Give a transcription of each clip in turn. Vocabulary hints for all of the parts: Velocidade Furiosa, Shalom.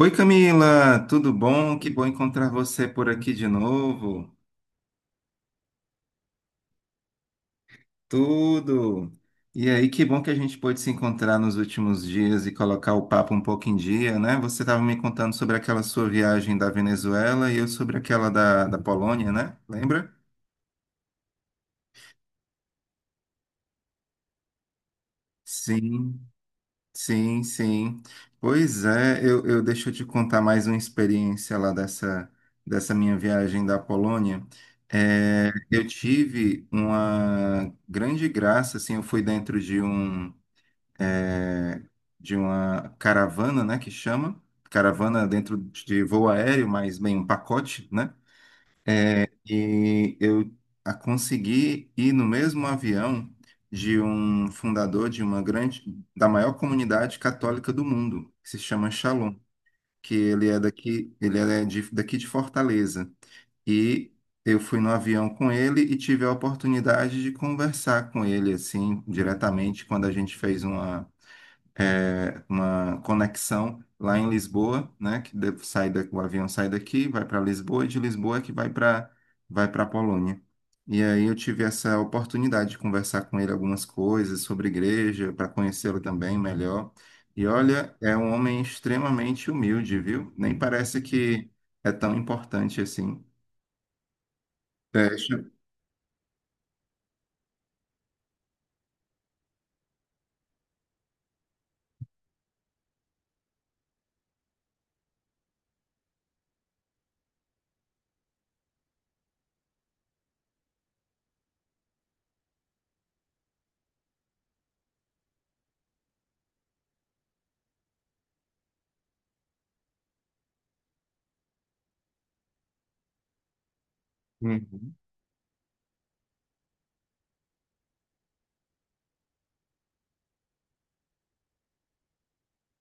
Oi Camila, tudo bom? Que bom encontrar você por aqui de novo. Tudo. E aí, que bom que a gente pôde se encontrar nos últimos dias e colocar o papo um pouco em dia, né? Você estava me contando sobre aquela sua viagem da Venezuela e eu sobre aquela da Polônia, né? Lembra? Sim. Sim, sim. Pois é, eu deixa eu te contar mais uma experiência lá dessa minha viagem da Polônia. Eu tive uma grande graça, assim, eu fui dentro de um, é, de uma caravana, né, caravana dentro de voo aéreo, mas bem, um pacote, né? E consegui ir no mesmo avião de um fundador de uma da maior comunidade católica do mundo, que se chama Shalom, que ele é daqui, ele é daqui de Fortaleza. E eu fui no avião com ele e tive a oportunidade de conversar com ele assim diretamente quando a gente fez uma conexão lá em Lisboa, né? Que de- sai da, O avião sai daqui, vai para Lisboa, e de Lisboa é que vai para Polônia. E aí eu tive essa oportunidade de conversar com ele algumas coisas sobre igreja, para conhecê-lo também melhor. E olha, é um homem extremamente humilde, viu? Nem parece que é tão importante assim. Fecha. Uhum,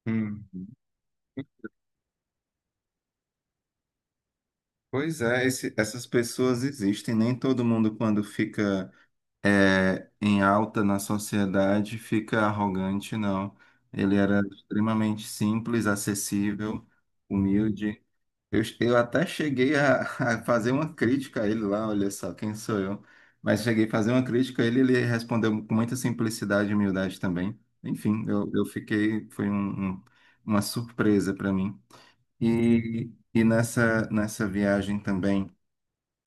uhum. Pois é, essas pessoas existem. Nem todo mundo, quando fica em alta na sociedade fica arrogante, não. Ele era extremamente simples, acessível, humilde. Eu até cheguei a, a fazer uma crítica a ele lá, olha só, quem sou eu? Mas cheguei a fazer uma crítica a ele, ele respondeu com muita simplicidade e humildade também. Enfim, eu fiquei, foi uma surpresa para mim. E nessa viagem também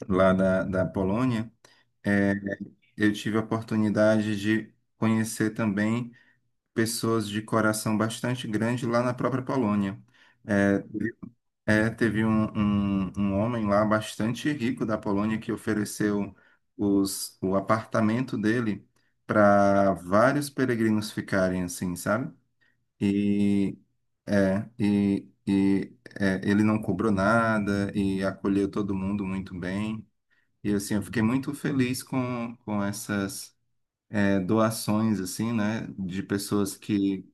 lá da Polônia, eu tive a oportunidade de conhecer também pessoas de coração bastante grande lá na própria Polônia. É, teve um homem lá bastante rico da Polônia que ofereceu o apartamento dele para vários peregrinos ficarem assim, sabe? E, ele não cobrou nada e acolheu todo mundo muito bem. E assim, eu fiquei muito feliz com essas doações assim, né, de pessoas que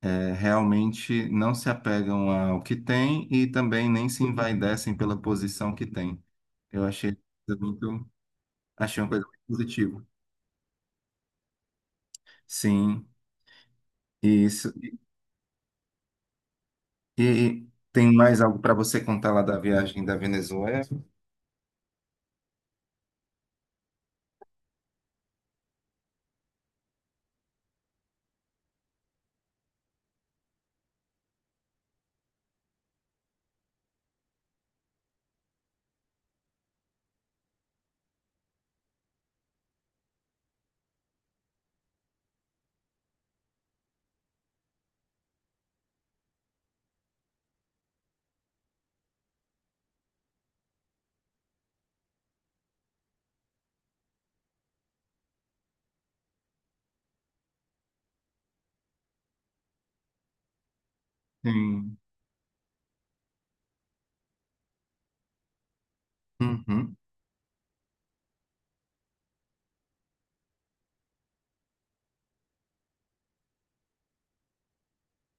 realmente não se apegam ao que têm e também nem se envaidecem pela posição que têm. Eu achei isso muito, achei uma coisa muito positiva. Sim, e isso. E tem mais algo para você contar lá da viagem da Venezuela? Sim. Uhum,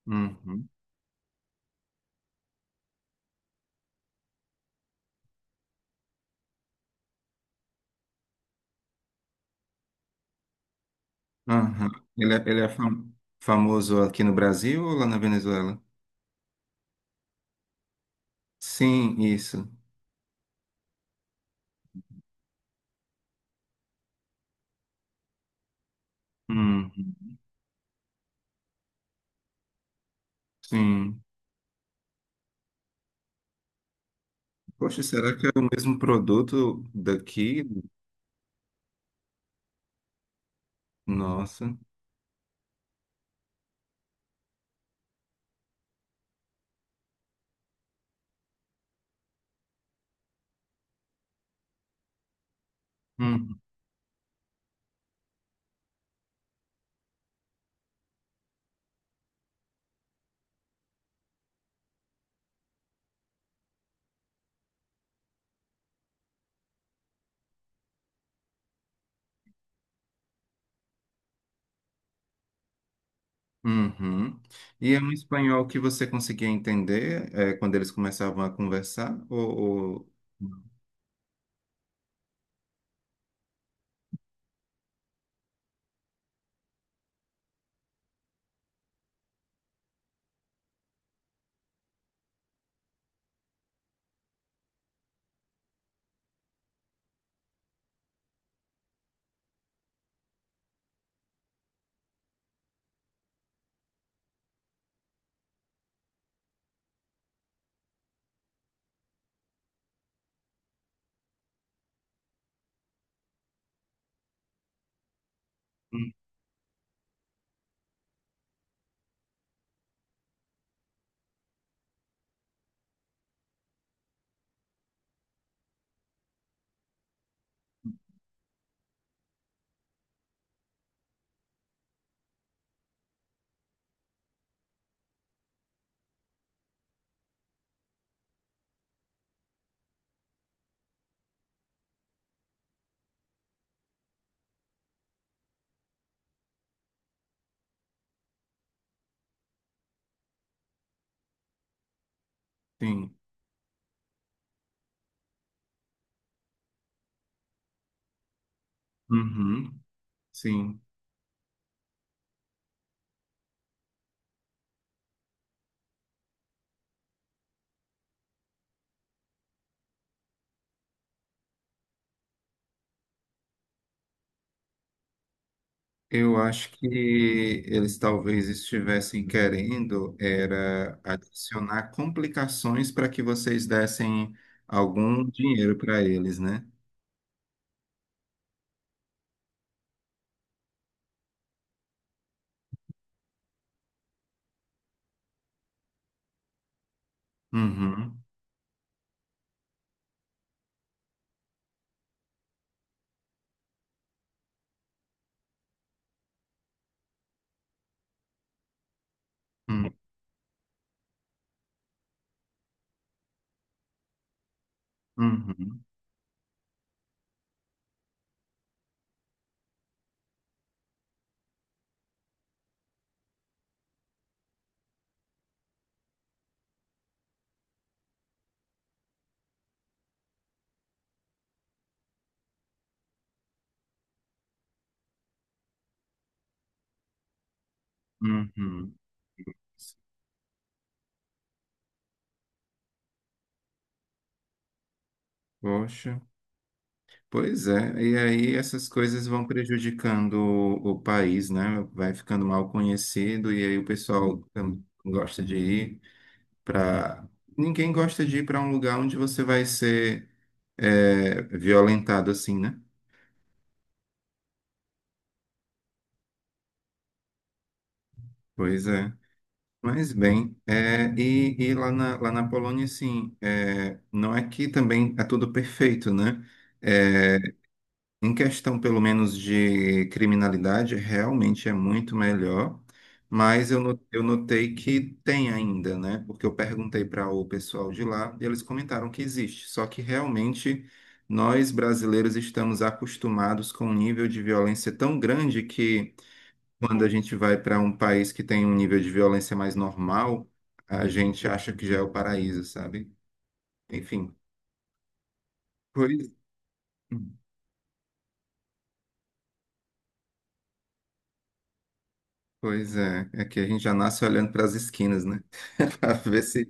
uhum, uhum. Ele é famoso aqui no Brasil ou lá na Venezuela? Sim, isso. Uhum, sim. Poxa, será que é o mesmo produto daqui? Nossa. Hum, Uhum. E é um espanhol que você conseguia entender, quando eles começavam a conversar? Ou- Hum. Sim. Uhum. Sim. Eu acho que eles talvez estivessem querendo era adicionar complicações para que vocês dessem algum dinheiro para eles, né? Uhum. Uhum. Uhum. Uhum. Poxa. Pois é, e aí essas coisas vão prejudicando o país, né? Vai ficando mal conhecido e aí o pessoal gosta de ir para. Ninguém gosta de ir para um lugar onde você vai ser violentado assim, né? Pois é. Mas bem, lá na Polônia, assim, é, não é que também é tudo perfeito, né? É, em questão, pelo menos, de criminalidade, realmente é muito melhor, mas eu, no- eu notei que tem ainda, né? Porque eu perguntei para o pessoal de lá e eles comentaram que existe. Só que realmente nós brasileiros estamos acostumados com um nível de violência tão grande que quando a gente vai para um país que tem um nível de violência mais normal, a gente acha que já é o paraíso, sabe? Enfim. Pois. Hum. Pois é, é que a gente já nasce olhando para as esquinas, né? Para ver se.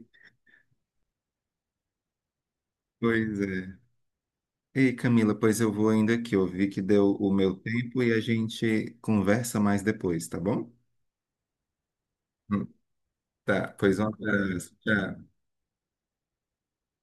Pois é. Ei, Camila, pois eu vou ainda aqui. Eu vi que deu o meu tempo e a gente conversa mais depois, tá bom? Hum. Tá, pois um abraço. Tchau.